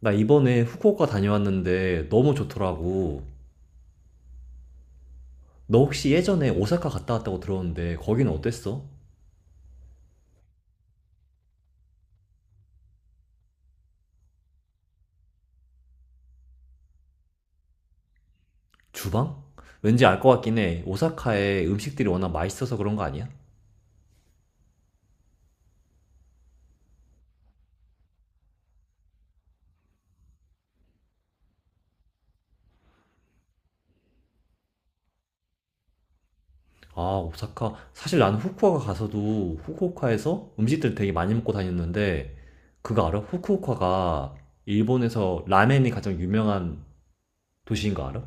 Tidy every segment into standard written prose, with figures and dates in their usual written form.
나 이번에 후쿠오카 다녀왔는데 너무 좋더라고. 너 혹시 예전에 오사카 갔다 왔다고 들었는데 거기는 어땠어? 주방? 왠지 알 것 같긴 해. 오사카의 음식들이 워낙 맛있어서 그런 거 아니야? 아, 오사카. 사실 나는 후쿠오카 가서도 후쿠오카에서 음식들 되게 많이 먹고 다녔는데 그거 알아? 후쿠오카가 일본에서 라멘이 가장 유명한 도시인 거 알아?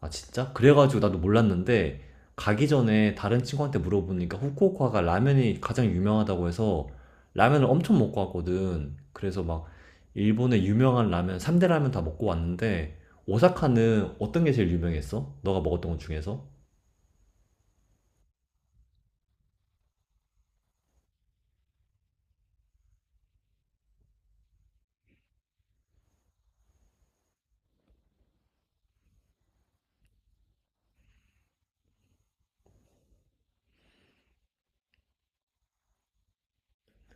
아, 진짜? 그래가지고 나도 몰랐는데, 가기 전에 다른 친구한테 물어보니까 후쿠오카가 라면이 가장 유명하다고 해서 라면을 엄청 먹고 왔거든. 그래서 막 일본의 유명한 라면, 3대 라면 다 먹고 왔는데, 오사카는 어떤 게 제일 유명했어? 너가 먹었던 것 중에서?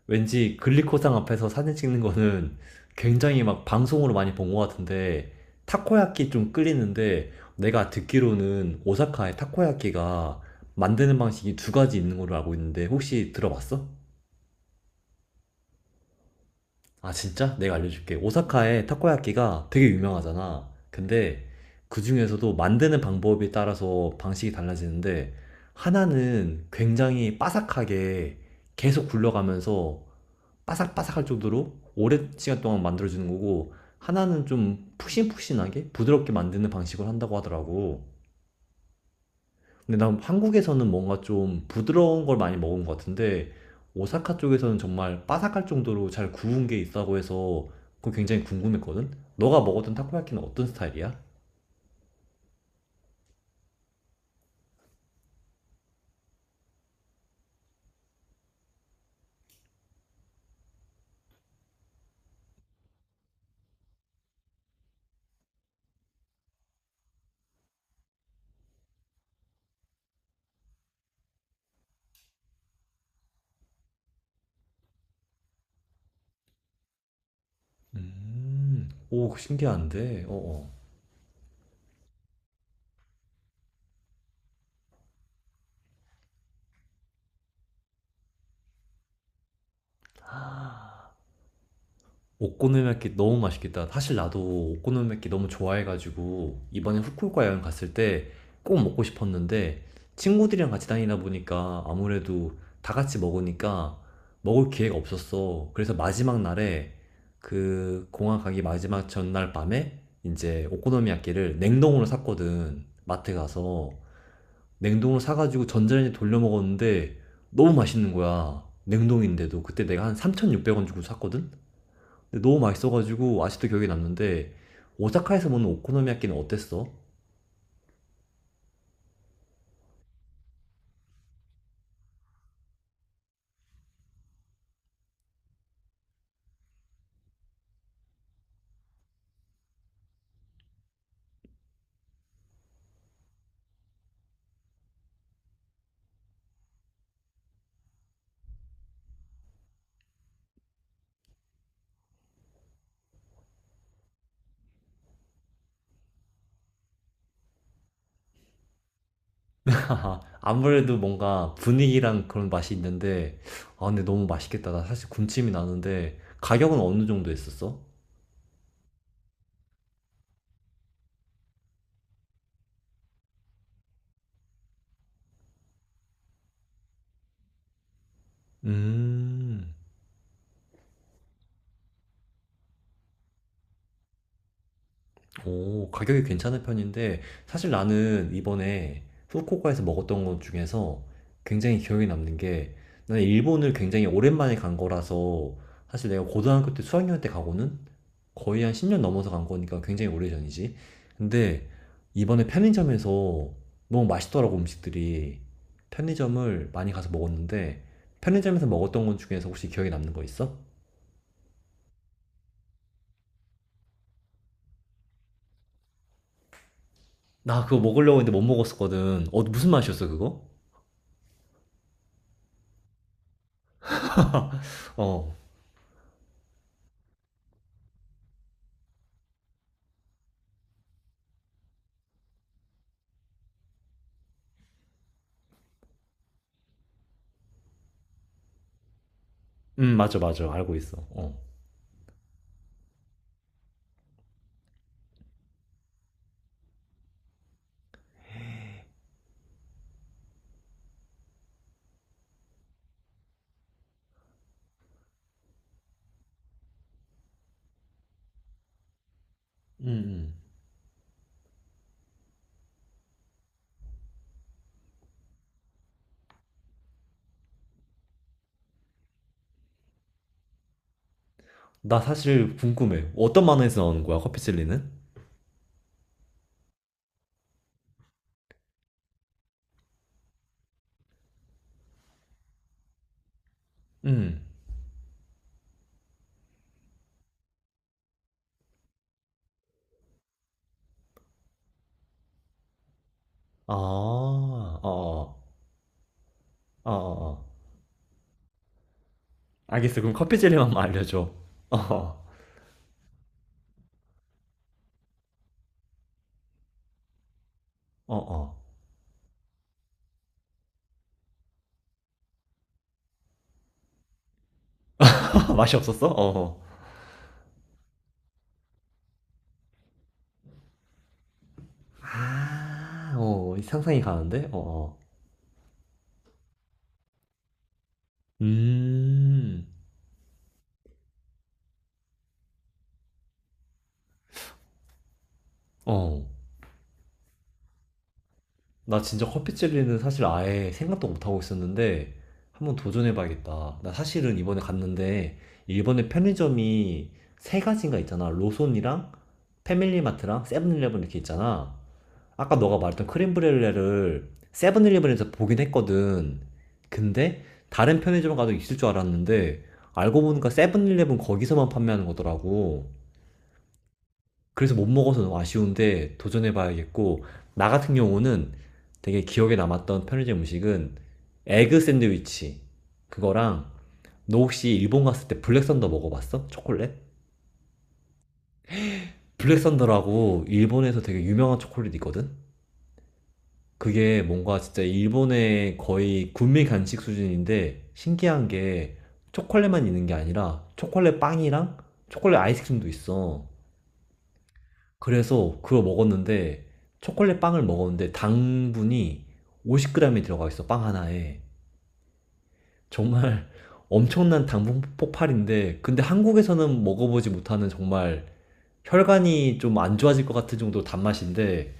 왠지 글리코상 앞에서 사진 찍는 거는 굉장히 막 방송으로 많이 본 것 같은데 타코야끼 좀 끌리는데 내가 듣기로는 오사카의 타코야끼가 만드는 방식이 두 가지 있는 걸로 알고 있는데 혹시 들어봤어? 아 진짜? 내가 알려줄게. 오사카의 타코야끼가 되게 유명하잖아. 근데 그 중에서도 만드는 방법에 따라서 방식이 달라지는데 하나는 굉장히 바삭하게 계속 굴려가면서 바삭바삭할 정도로 오랜 시간 동안 만들어주는 거고 하나는 좀 푹신푹신하게 부드럽게 만드는 방식을 한다고 하더라고. 근데 난 한국에서는 뭔가 좀 부드러운 걸 많이 먹은 것 같은데 오사카 쪽에서는 정말 바삭할 정도로 잘 구운 게 있다고 해서 그거 굉장히 궁금했거든. 너가 먹었던 타코야키는 어떤 스타일이야? 오 신기한데. 어어. 오코노미야끼 너무 맛있겠다. 사실 나도 오코노미야끼 너무 좋아해가지고 이번에 후쿠오카 여행 갔을 때 꼭 먹고 싶었는데 친구들이랑 같이 다니다 보니까 아무래도 다 같이 먹으니까 먹을 기회가 없었어. 그래서 마지막 날에 그 공항 가기 마지막 전날 밤에 이제 오코노미야끼를 냉동으로 샀거든. 마트 가서 냉동으로 사가지고 전자레인지 돌려 먹었는데 너무 맛있는 거야. 냉동인데도 그때 내가 한 3,600원 주고 샀거든. 근데 너무 맛있어가지고 아직도 기억에 남는데 오사카에서 먹는 오코노미야끼는 어땠어? 아무래도 뭔가 분위기랑 그런 맛이 있는데 아 근데 너무 맛있겠다. 나 사실 군침이 나는데 가격은 어느 정도 했었어? 음. 오, 가격이 괜찮은 편인데, 사실 나는 이번에 후쿠오카에서 먹었던 것 중에서 굉장히 기억에 남는 게, 나는 일본을 굉장히 오랜만에 간 거라서, 사실 내가 고등학교 때 수학여행 때 가고는 거의 한 10년 넘어서 간 거니까 굉장히 오래전이지. 근데 이번에 편의점에서 너무 맛있더라고, 음식들이. 편의점을 많이 가서 먹었는데, 편의점에서 먹었던 것 중에서 혹시 기억에 남는 거 있어? 나 그거 먹으려고 했는데 못 먹었었거든. 어, 무슨 맛이었어, 그거? 어. 맞아, 맞아. 알고 있어. 어. 음, 음. 나 사실 궁금해. 어떤 만화에서 나오는 거야, 커피젤리는? 음. 아, 어, 어, 어, 어. 어. 알겠어. 그럼 커피젤리만 알려줘. 어, 어, 어. 맛이 없었어? 어, 어. 아, 어, 상상이 가는데? 어, 어. 음, 어. 나 진짜 커피 젤리는 사실 아예 생각도 못하고 있었는데 한번 도전해봐야겠다. 나 사실은 이번에 갔는데 일본의 편의점이 세 가지인가 있잖아. 로손이랑 패밀리마트랑 세븐일레븐 이렇게 있잖아. 아까 너가 말했던 크림브렐레를 세븐일레븐에서 보긴 했거든. 근데 다른 편의점 가도 있을 줄 알았는데 알고 보니까 세븐일레븐 거기서만 판매하는 거더라고. 그래서 못 먹어서 너무 아쉬운데 도전해봐야겠고 나 같은 경우는 되게 기억에 남았던 편의점 음식은 에그 샌드위치 그거랑 너 혹시 일본 갔을 때 블랙썬더 먹어봤어? 초콜릿? 블랙썬더라고 일본에서 되게 유명한 초콜릿 있거든? 그게 뭔가 진짜 일본의 거의 군민 간식 수준인데 신기한 게 초콜릿만 있는 게 아니라 초콜릿 빵이랑 초콜릿 아이스크림도 있어. 그래서 그거 먹었는데 초콜릿 빵을 먹었는데 당분이 50g이 들어가 있어, 빵 하나에. 정말 엄청난 당분 폭발인데 근데 한국에서는 먹어보지 못하는 정말 혈관이 좀 안 좋아질 것 같은 정도 단맛인데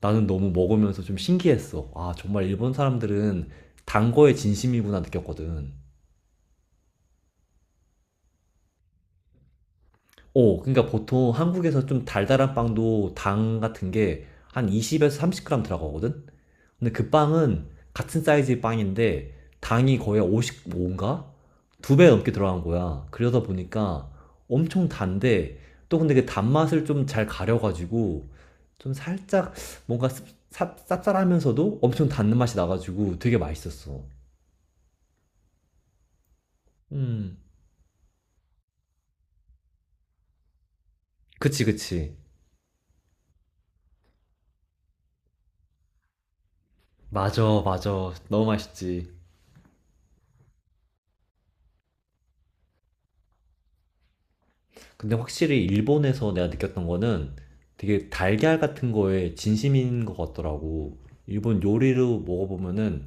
나는 너무 먹으면서 좀 신기했어. 아, 정말 일본 사람들은 단 거에 진심이구나 느꼈거든. 오, 그러니까 보통 한국에서 좀 달달한 빵도 당 같은 게 한 20에서 30g 들어가거든? 근데 그 빵은 같은 사이즈의 빵인데 당이 거의 55인가? 두 배 넘게 들어간 거야. 그러다 보니까 엄청 단데 또 근데 그 단맛을 좀 잘 가려가지고 좀 살짝 뭔가 쌉쌀하면서도 엄청 단맛이 나가지고 되게 맛있었어. 음, 그치, 그치. 맞아, 맞아. 너무 맛있지. 근데 확실히 일본에서 내가 느꼈던 거는 되게 달걀 같은 거에 진심인 것 같더라고. 일본 요리로 먹어보면은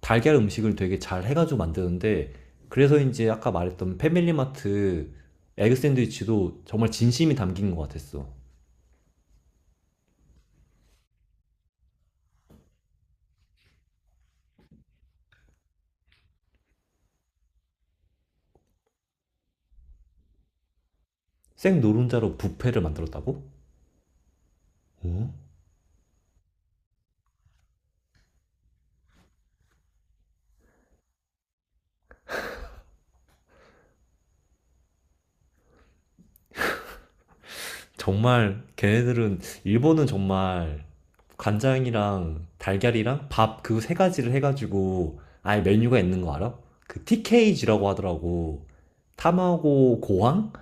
달걀 음식을 되게 잘 해가지고 만드는데 그래서인지 아까 말했던 패밀리마트 에그 샌드위치도 정말 진심이 담긴 것 같았어. 생 노른자로 뷔페를 만들었다고? 어? 정말 걔네들은 일본은 정말 간장이랑 달걀이랑 밥 그 세 가지를 해가지고 아예 메뉴가 있는 거 알아? 그 TKG라고 하더라고. 타마고 고항?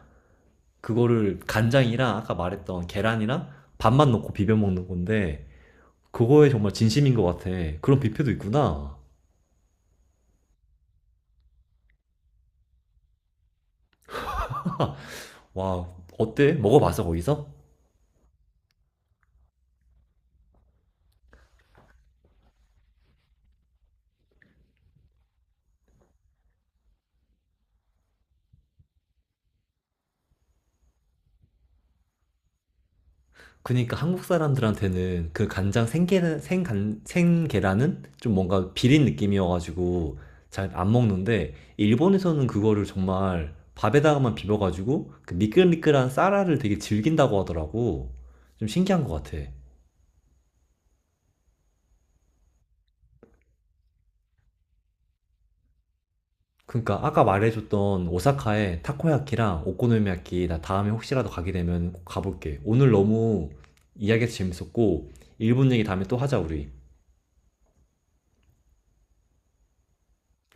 그거를 간장이랑 아까 말했던 계란이랑 밥만 넣고 비벼 먹는 건데 그거에 정말 진심인 것 같아. 그런 뷔페도 있구나. 와, 어때? 먹어봤어 거기서? 그니까 한국 사람들한테는 그 간장 생계는 생간 생계란은 좀 뭔가 비린 느낌이어가지고 잘 안 먹는데 일본에서는 그거를 정말 밥에다가만 비벼가지고 그 미끌미끌한 쌀알을 되게 즐긴다고 하더라고. 좀 신기한 것 같아. 그니까 아까 말해줬던 오사카의 타코야키랑 오코노미야키 나 다음에 혹시라도 가게 되면 꼭 가볼게. 오늘 너무 이야기가 재밌었고 일본 얘기 다음에 또 하자 우리.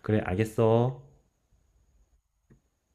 그래 알겠어.